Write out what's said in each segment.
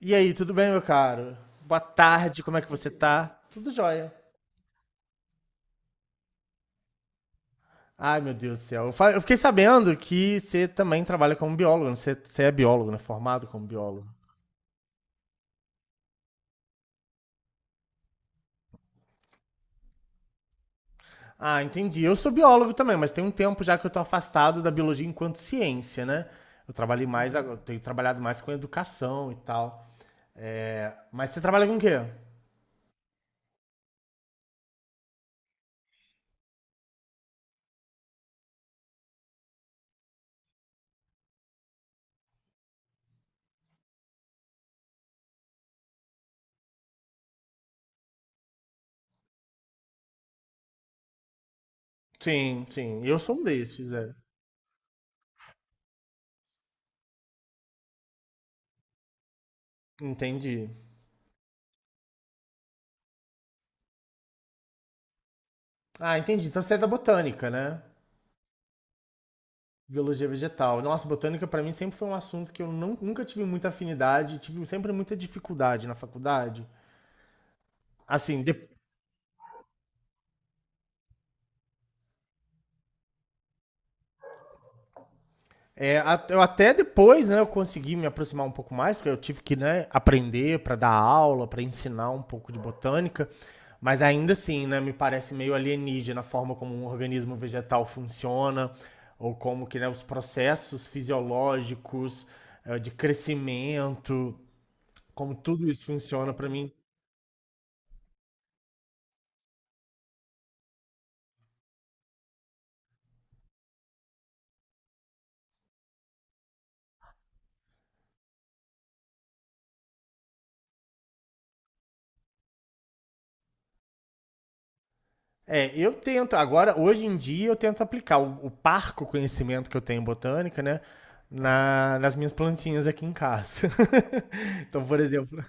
E aí, tudo bem, meu caro? Boa tarde, como é que você tá? Tudo jóia. Ai, meu Deus do céu. Eu fiquei sabendo que você também trabalha como biólogo, né? Você é biólogo, né? Formado como biólogo. Ah, entendi. Eu sou biólogo também, mas tem um tempo já que eu tô afastado da biologia enquanto ciência, né? Eu trabalhei mais, tenho trabalhado mais com educação e tal. É, mas você trabalha com o quê? Sim, sim. Eu sou um desses, é. Entendi. Ah, entendi. Então você é da botânica, né? Biologia vegetal. Nossa, botânica para mim sempre foi um assunto que eu não- nunca tive muita afinidade, tive sempre muita dificuldade na faculdade. Assim, eu até depois, né, eu consegui me aproximar um pouco mais, porque eu tive que, né, aprender para dar aula, para ensinar um pouco de botânica, mas ainda assim, né, me parece meio alienígena a forma como um organismo vegetal funciona, ou como que, né, os processos fisiológicos, de crescimento, como tudo isso funciona para mim. É, eu tento, agora, hoje em dia, eu tento aplicar o parco conhecimento que eu tenho em botânica, né? Nas minhas plantinhas aqui em casa. Então, por exemplo.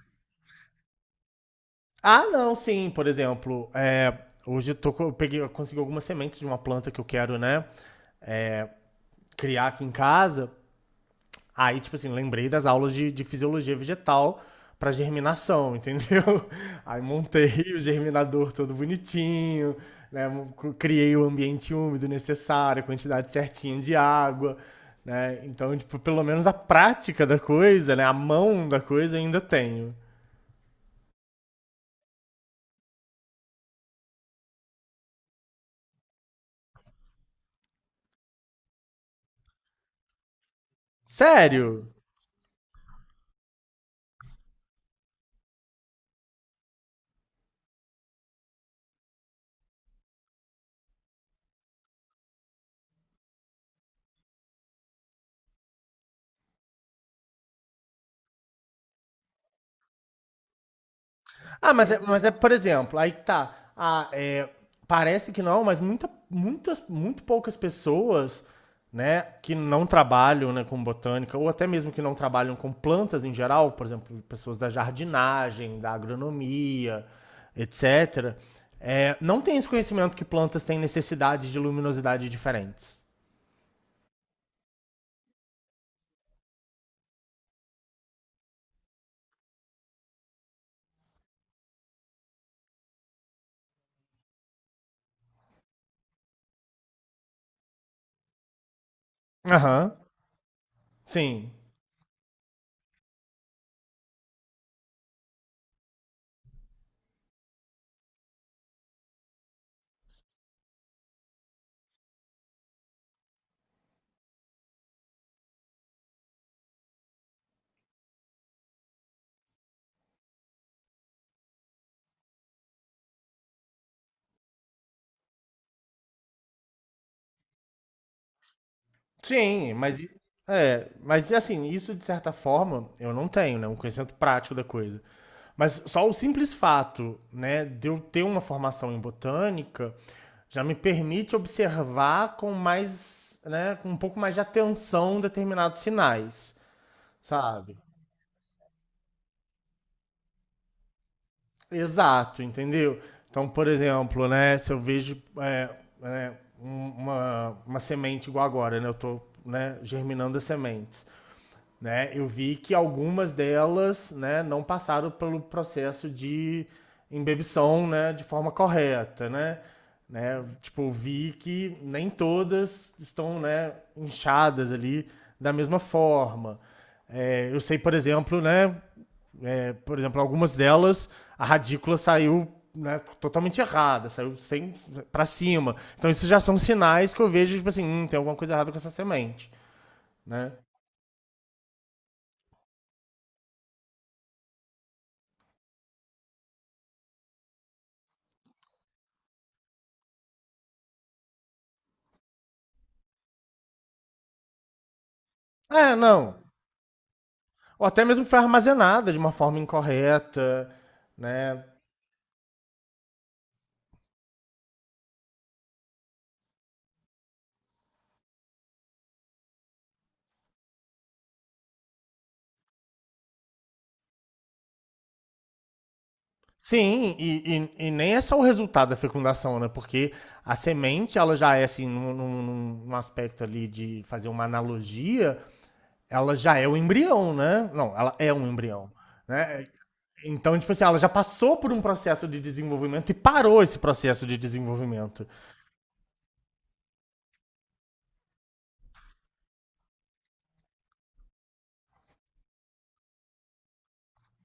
Ah, não, sim, por exemplo, é, hoje eu peguei, eu consegui algumas sementes de uma planta que eu quero, né? é, criar aqui em casa. Aí, tipo assim, lembrei das aulas de fisiologia vegetal pra germinação, entendeu? Aí montei o germinador todo bonitinho, né? Criei o ambiente úmido necessário, a quantidade certinha de água, né? Então, tipo, pelo menos a prática da coisa, né? A mão da coisa eu ainda tenho. Sério? Ah, mas é, por exemplo, aí que tá. Ah, parece que não, mas muito poucas pessoas né, que não trabalham né, com botânica, ou até mesmo que não trabalham com plantas em geral, por exemplo, pessoas da jardinagem, da agronomia, etc., não tem esse conhecimento que plantas têm necessidades de luminosidade diferentes. Aham. Sim. Sim, mas assim, isso de certa forma eu não tenho, né, um conhecimento prático da coisa. Mas só o simples fato, né, de eu ter uma formação em botânica já me permite observar com mais, né, com um pouco mais de atenção determinados sinais, sabe? Exato, entendeu? Então, por exemplo, né, se eu vejo né, uma semente igual agora, né, eu tô, né, germinando as sementes. Né? Eu vi que algumas delas, né, não passaram pelo processo de embebição, né, de forma correta, né? Né? Tipo, vi que nem todas estão, né, inchadas ali da mesma forma. É, eu sei, por exemplo, né, algumas delas a radícula saiu né, totalmente errada, saiu sem para cima. Então isso já são sinais que eu vejo tipo assim, tem alguma coisa errada com essa semente, né? É, não, ou até mesmo foi armazenada de uma forma incorreta, né? Sim, e nem é só o resultado da fecundação, né? Porque a semente, ela já é, assim, num aspecto ali de fazer uma analogia, ela já é o embrião, né? Não, ela é um embrião, né? Então, tipo assim, ela já passou por um processo de desenvolvimento e parou esse processo de desenvolvimento.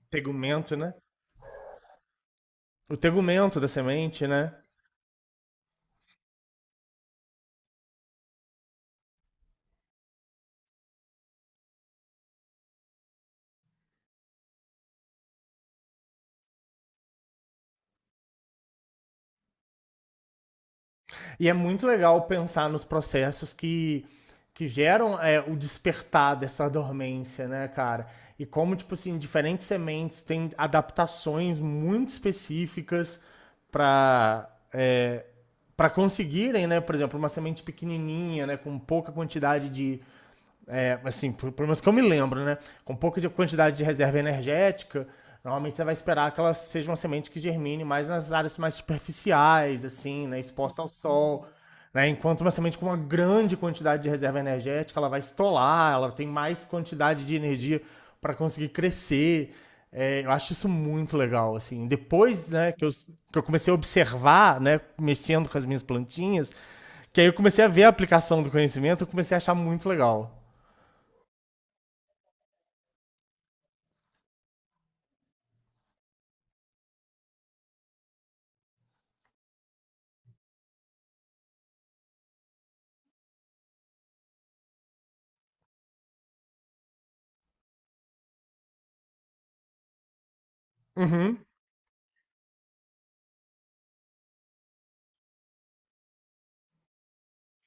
Tegumento, né? O tegumento da semente, né? E é muito legal pensar nos processos que geram o despertar dessa dormência, né, cara? E como, tipo assim, diferentes sementes têm adaptações muito específicas para é, para conseguirem, né, por exemplo, uma semente pequenininha, né, com pouca quantidade de, assim, pelo menos que eu me lembro, né? Com pouca quantidade de reserva energética, normalmente você vai esperar que ela seja uma semente que germine mais nas áreas mais superficiais, assim, né? Exposta ao sol. Né? Enquanto uma semente com uma grande quantidade de reserva energética, ela vai estolar, ela tem mais quantidade de energia para conseguir crescer. É, eu acho isso muito legal, assim. Depois, né, que eu, comecei a observar, né, mexendo com as minhas plantinhas, que aí eu comecei a ver a aplicação do conhecimento, eu comecei a achar muito legal. Uhum,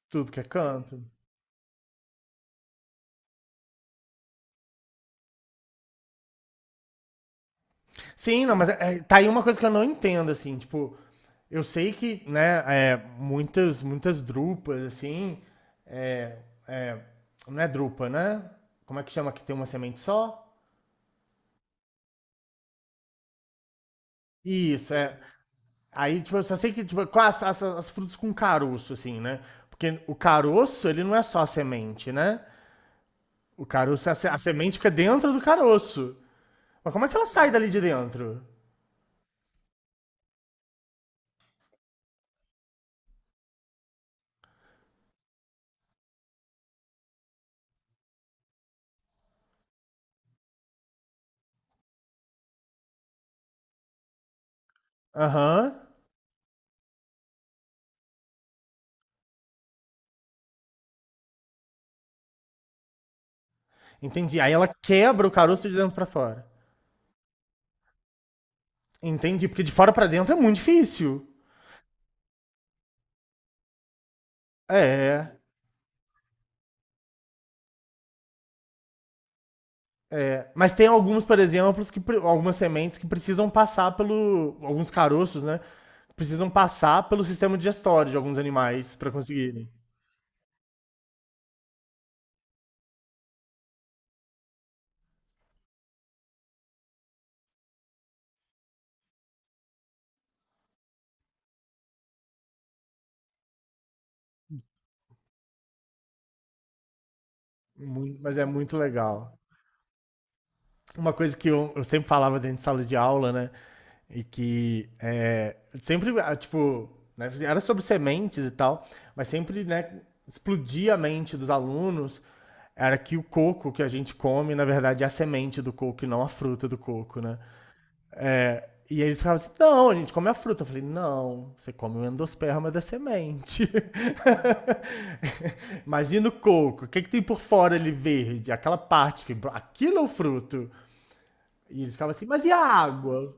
tudo que é canto. Sim, não, mas tá aí uma coisa que eu não entendo, assim, tipo, eu sei que, né, muitas drupas, assim, é, é, não é drupa, né? Como é que chama que tem uma semente só? Isso, é. Aí, tipo, eu só sei que, tipo, com as frutas com caroço, assim, né? Porque o caroço, ele não é só a semente, né? O caroço, a, se- a semente fica dentro do caroço. Mas como é que ela sai dali de dentro? Aham. Entendi. Aí ela quebra o caroço de dentro pra fora. Entendi, porque de fora pra dentro é muito difícil. É, é. Mas tem alguns, por exemplo, algumas sementes que precisam passar pelo. Alguns caroços, né? Precisam passar pelo sistema digestório de alguns animais pra conseguirem. Mas é muito legal. Uma coisa que eu sempre falava dentro de sala de aula, né? E que é, sempre, ah, tipo, né, era sobre sementes e tal, mas sempre, né, explodia a mente dos alunos era que o coco que a gente come, na verdade, é a semente do coco e não a fruta do coco, né? E eles falavam: assim, não, a gente come a fruta. Eu falei, não, você come o endosperma da semente. Imagina o coco, o que, é que tem por fora ali verde? Aquela parte, aquilo é o fruto. E eles ficavam assim, mas e a água?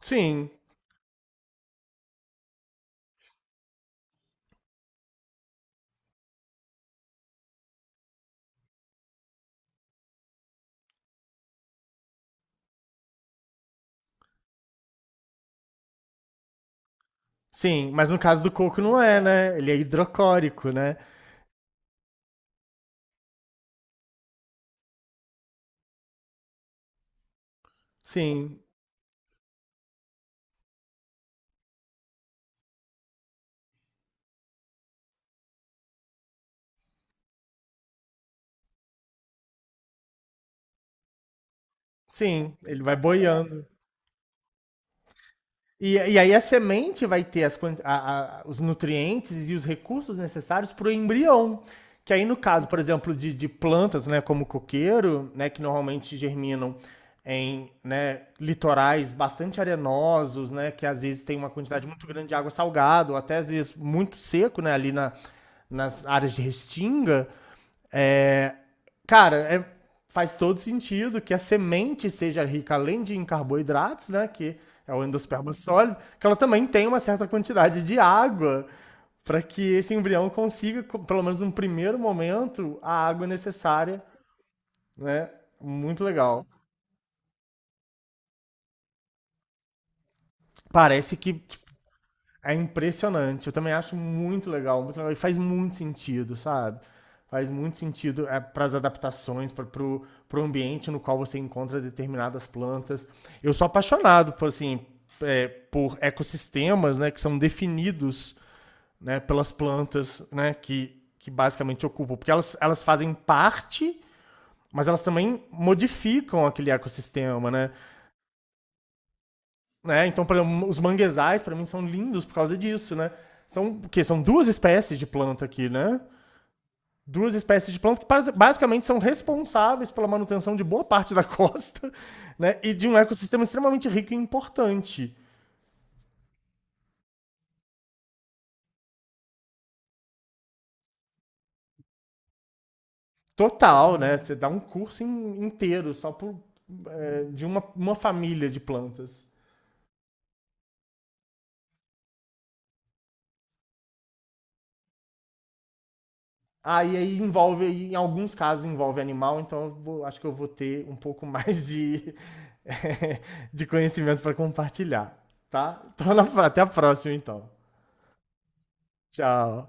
Sim, sim. Mas no caso do coco não é, né? Ele é hidrocórico, né? Sim, sim. Ele vai boiando. E aí a semente vai ter os nutrientes e os recursos necessários para o embrião. Que aí, no caso, por exemplo, de, plantas, né, como o coqueiro, né, que normalmente germinam em né, litorais bastante arenosos, né, que às vezes tem uma quantidade muito grande de água salgada, ou até às vezes muito seco, né, ali nas áreas de restinga, é, cara, faz todo sentido que a semente seja rica além de em carboidratos, né? Que é o endosperma sólido, que ela também tem uma certa quantidade de água para que esse embrião consiga, pelo menos num primeiro momento, a água necessária, né? Muito legal. Parece que é impressionante. Eu também acho muito legal, muito legal. E faz muito sentido, sabe? Faz muito sentido para as adaptações, para pro ambiente no qual você encontra determinadas plantas. Eu sou apaixonado por, assim, por ecossistemas né, que são definidos né, pelas plantas né, que basicamente ocupam. Porque elas fazem parte mas elas também modificam aquele ecossistema, né? Né? Então, por exemplo, os manguezais, para mim, são lindos por causa disso, né? São o quê? São duas espécies de planta aqui, né? Duas espécies de planta que basicamente são responsáveis pela manutenção de boa parte da costa, né? E de um ecossistema extremamente rico e importante. Total, né? Você dá um curso inteiro só de uma família de plantas. Aí envolve, em alguns casos envolve animal, então acho que eu vou ter um pouco mais de, de conhecimento para compartilhar, tá? Então, até a próxima, então. Tchau.